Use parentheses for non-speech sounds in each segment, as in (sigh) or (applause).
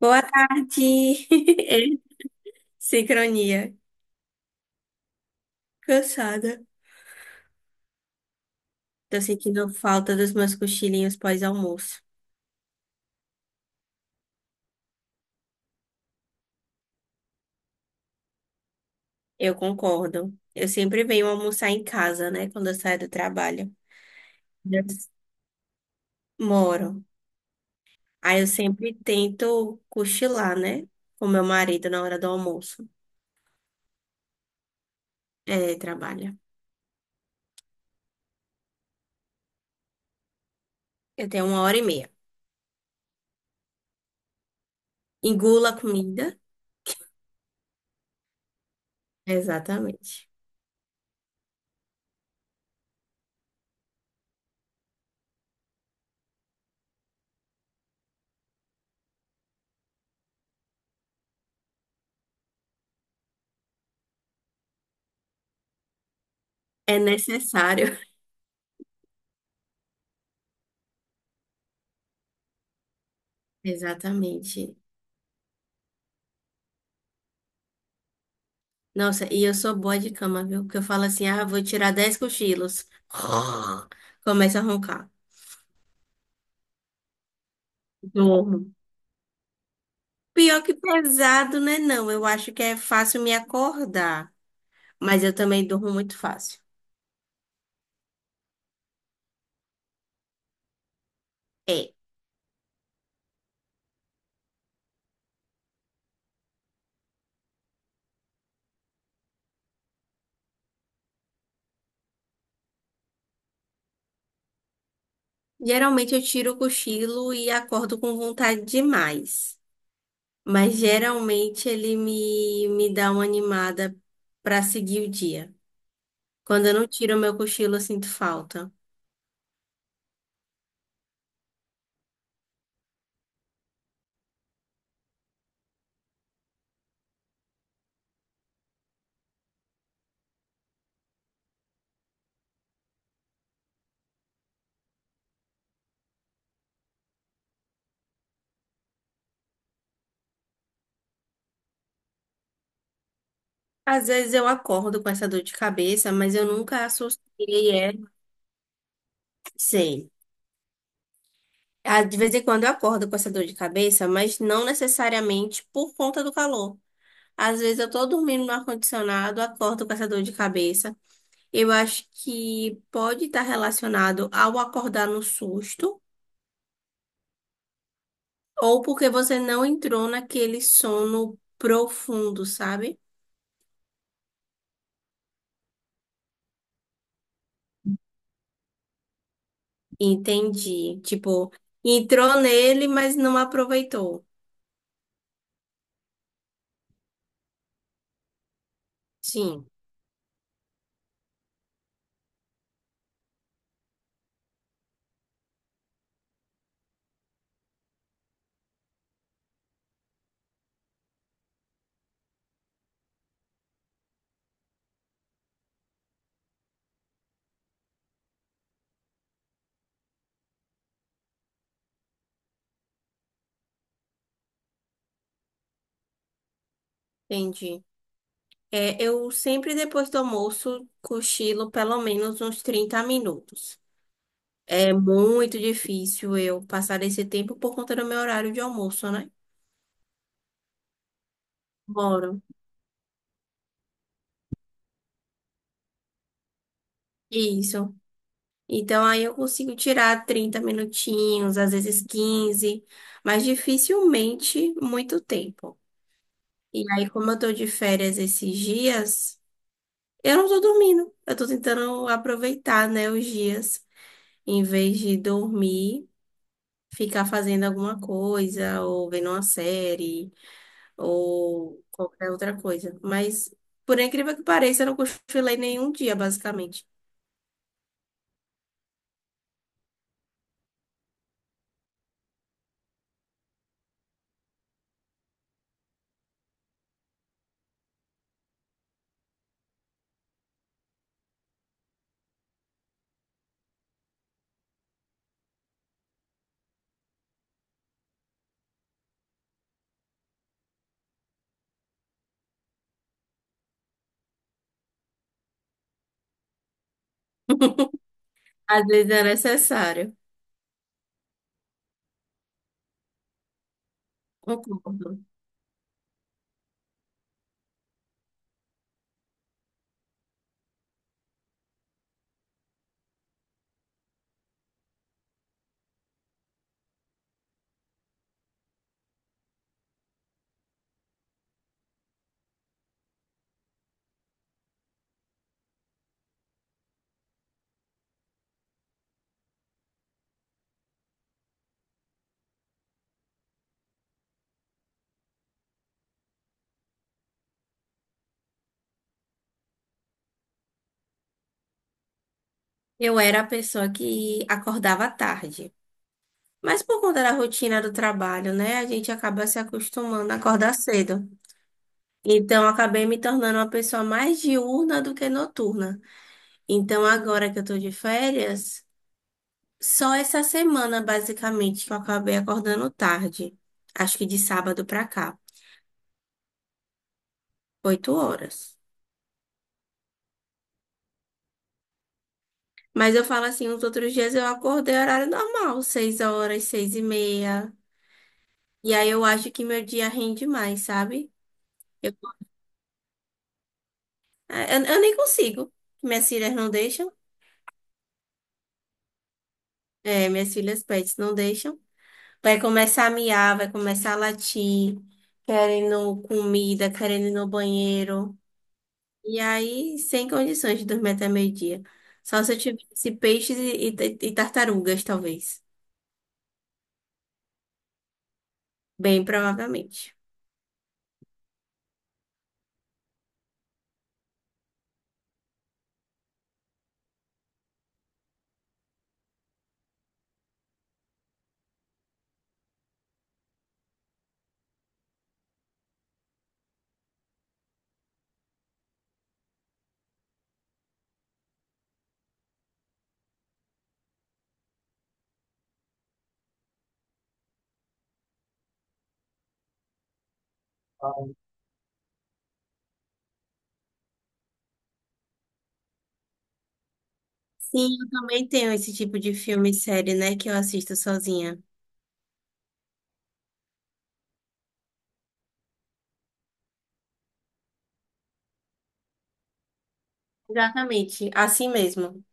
Boa tarde. (laughs) Sincronia. Cansada. Tô sentindo falta dos meus cochilinhos pós-almoço. Eu concordo. Eu sempre venho almoçar em casa, né? Quando eu saio do trabalho. Yes. Moro. Aí eu sempre tento cochilar, né? Com meu marido na hora do almoço. É, trabalha. Eu tenho 1 hora e meia. Engula a comida. Exatamente. É necessário. (laughs) Exatamente. Nossa, e eu sou boa de cama, viu? Porque eu falo assim, ah, vou tirar 10 cochilos. (laughs) Começa a roncar. Durmo. Pior que pesado, né? Não, eu acho que é fácil me acordar. Mas eu também durmo muito fácil. É. Geralmente eu tiro o cochilo e acordo com vontade demais. Mas geralmente ele me dá uma animada pra seguir o dia. Quando eu não tiro o meu cochilo, eu sinto falta. Às vezes eu acordo com essa dor de cabeça, mas eu nunca associei ela. Sei. Ah, de vez em quando eu acordo com essa dor de cabeça, mas não necessariamente por conta do calor. Às vezes eu tô dormindo no ar-condicionado, acordo com essa dor de cabeça. Eu acho que pode estar relacionado ao acordar no susto, ou porque você não entrou naquele sono profundo, sabe? Entendi. Tipo, entrou nele, mas não aproveitou. Sim, entendi. É, eu sempre depois do almoço cochilo pelo menos uns 30 minutos. É muito difícil eu passar esse tempo por conta do meu horário de almoço, né? Moro. Isso. Então aí eu consigo tirar 30 minutinhos, às vezes 15, mas dificilmente muito tempo. E aí, como eu tô de férias esses dias, eu não tô dormindo. Eu tô tentando aproveitar, né, os dias em vez de dormir, ficar fazendo alguma coisa, ou vendo uma série, ou qualquer outra coisa. Mas, por incrível que pareça, eu não cochilei nenhum dia, basicamente. (laughs) Às vezes é necessário. Concordo. Eu era a pessoa que acordava tarde. Mas por conta da rotina do trabalho, né? A gente acaba se acostumando a acordar cedo. Então, eu acabei me tornando uma pessoa mais diurna do que noturna. Então, agora que eu tô de férias, só essa semana, basicamente, que eu acabei acordando tarde. Acho que de sábado pra cá, 8 horas. Mas eu falo assim, os outros dias eu acordei horário normal, 6 horas, 6h30. E aí eu acho que meu dia rende mais, sabe? Eu, é, eu nem consigo. Minhas filhas não deixam. É, minhas filhas pets não deixam. Vai começar a miar, vai começar a latir, querendo comida, querendo ir no banheiro. E aí, sem condições de dormir até meio-dia. Só se eu tivesse peixes e tartarugas, talvez. Bem provavelmente. Sim, eu também tenho esse tipo de filme e série, né, que eu assisto sozinha. Exatamente, assim mesmo.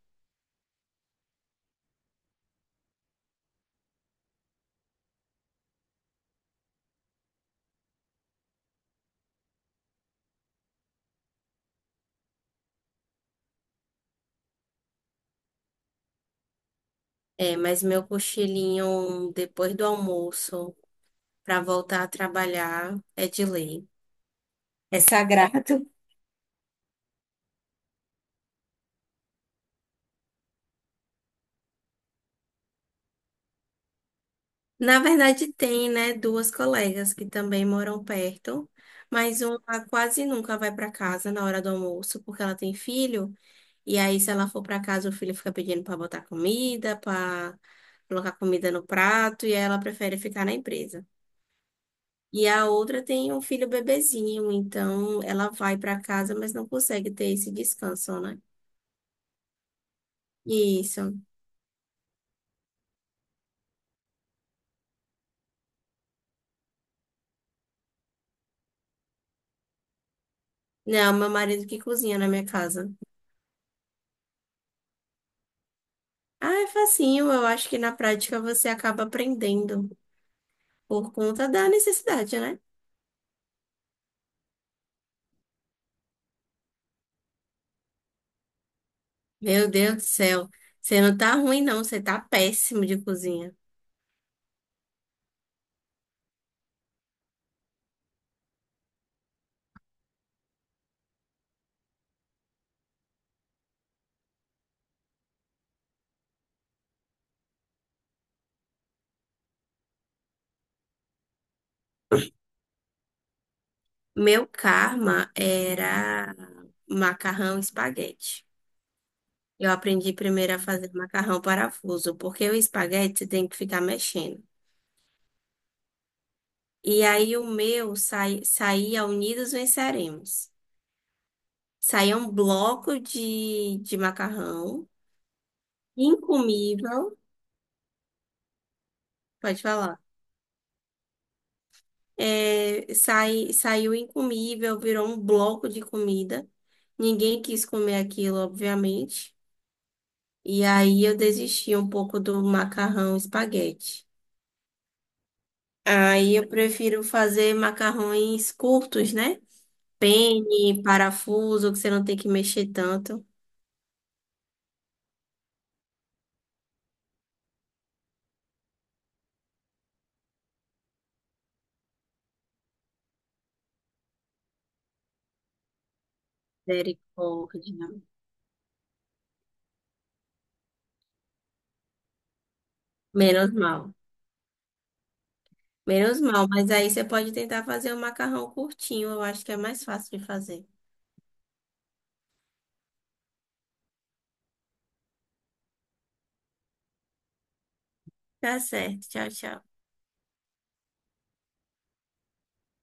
É, mas meu cochilinho depois do almoço, pra voltar a trabalhar, é de lei. É sagrado. Na verdade, tem, né, duas colegas que também moram perto, mas uma quase nunca vai para casa na hora do almoço, porque ela tem filho, e aí se ela for para casa, o filho fica pedindo para botar comida, para colocar comida no prato, e aí ela prefere ficar na empresa. E a outra tem um filho bebezinho, então ela vai para casa, mas não consegue ter esse descanso, né? Isso. Não, meu marido que cozinha na minha casa. Ah, é facinho, eu acho que na prática você acaba aprendendo. Por conta da necessidade, né? Meu Deus do céu. Você não tá ruim, não. Você tá péssimo de cozinha. Meu karma era macarrão e espaguete. Eu aprendi primeiro a fazer macarrão parafuso, porque o espaguete você tem que ficar mexendo. E aí o meu saía unidos venceremos. Saía um bloco de macarrão incomível. Pode falar. É, saiu incomível, virou um bloco de comida. Ninguém quis comer aquilo, obviamente. E aí eu desisti um pouco do macarrão espaguete. Aí eu prefiro fazer macarrões curtos, né? Penne, parafuso, que você não tem que mexer tanto. Misericórdia. Menos mal. Menos mal, mas aí você pode tentar fazer um macarrão curtinho, eu acho que é mais fácil de fazer. Tá certo. Tchau, tchau.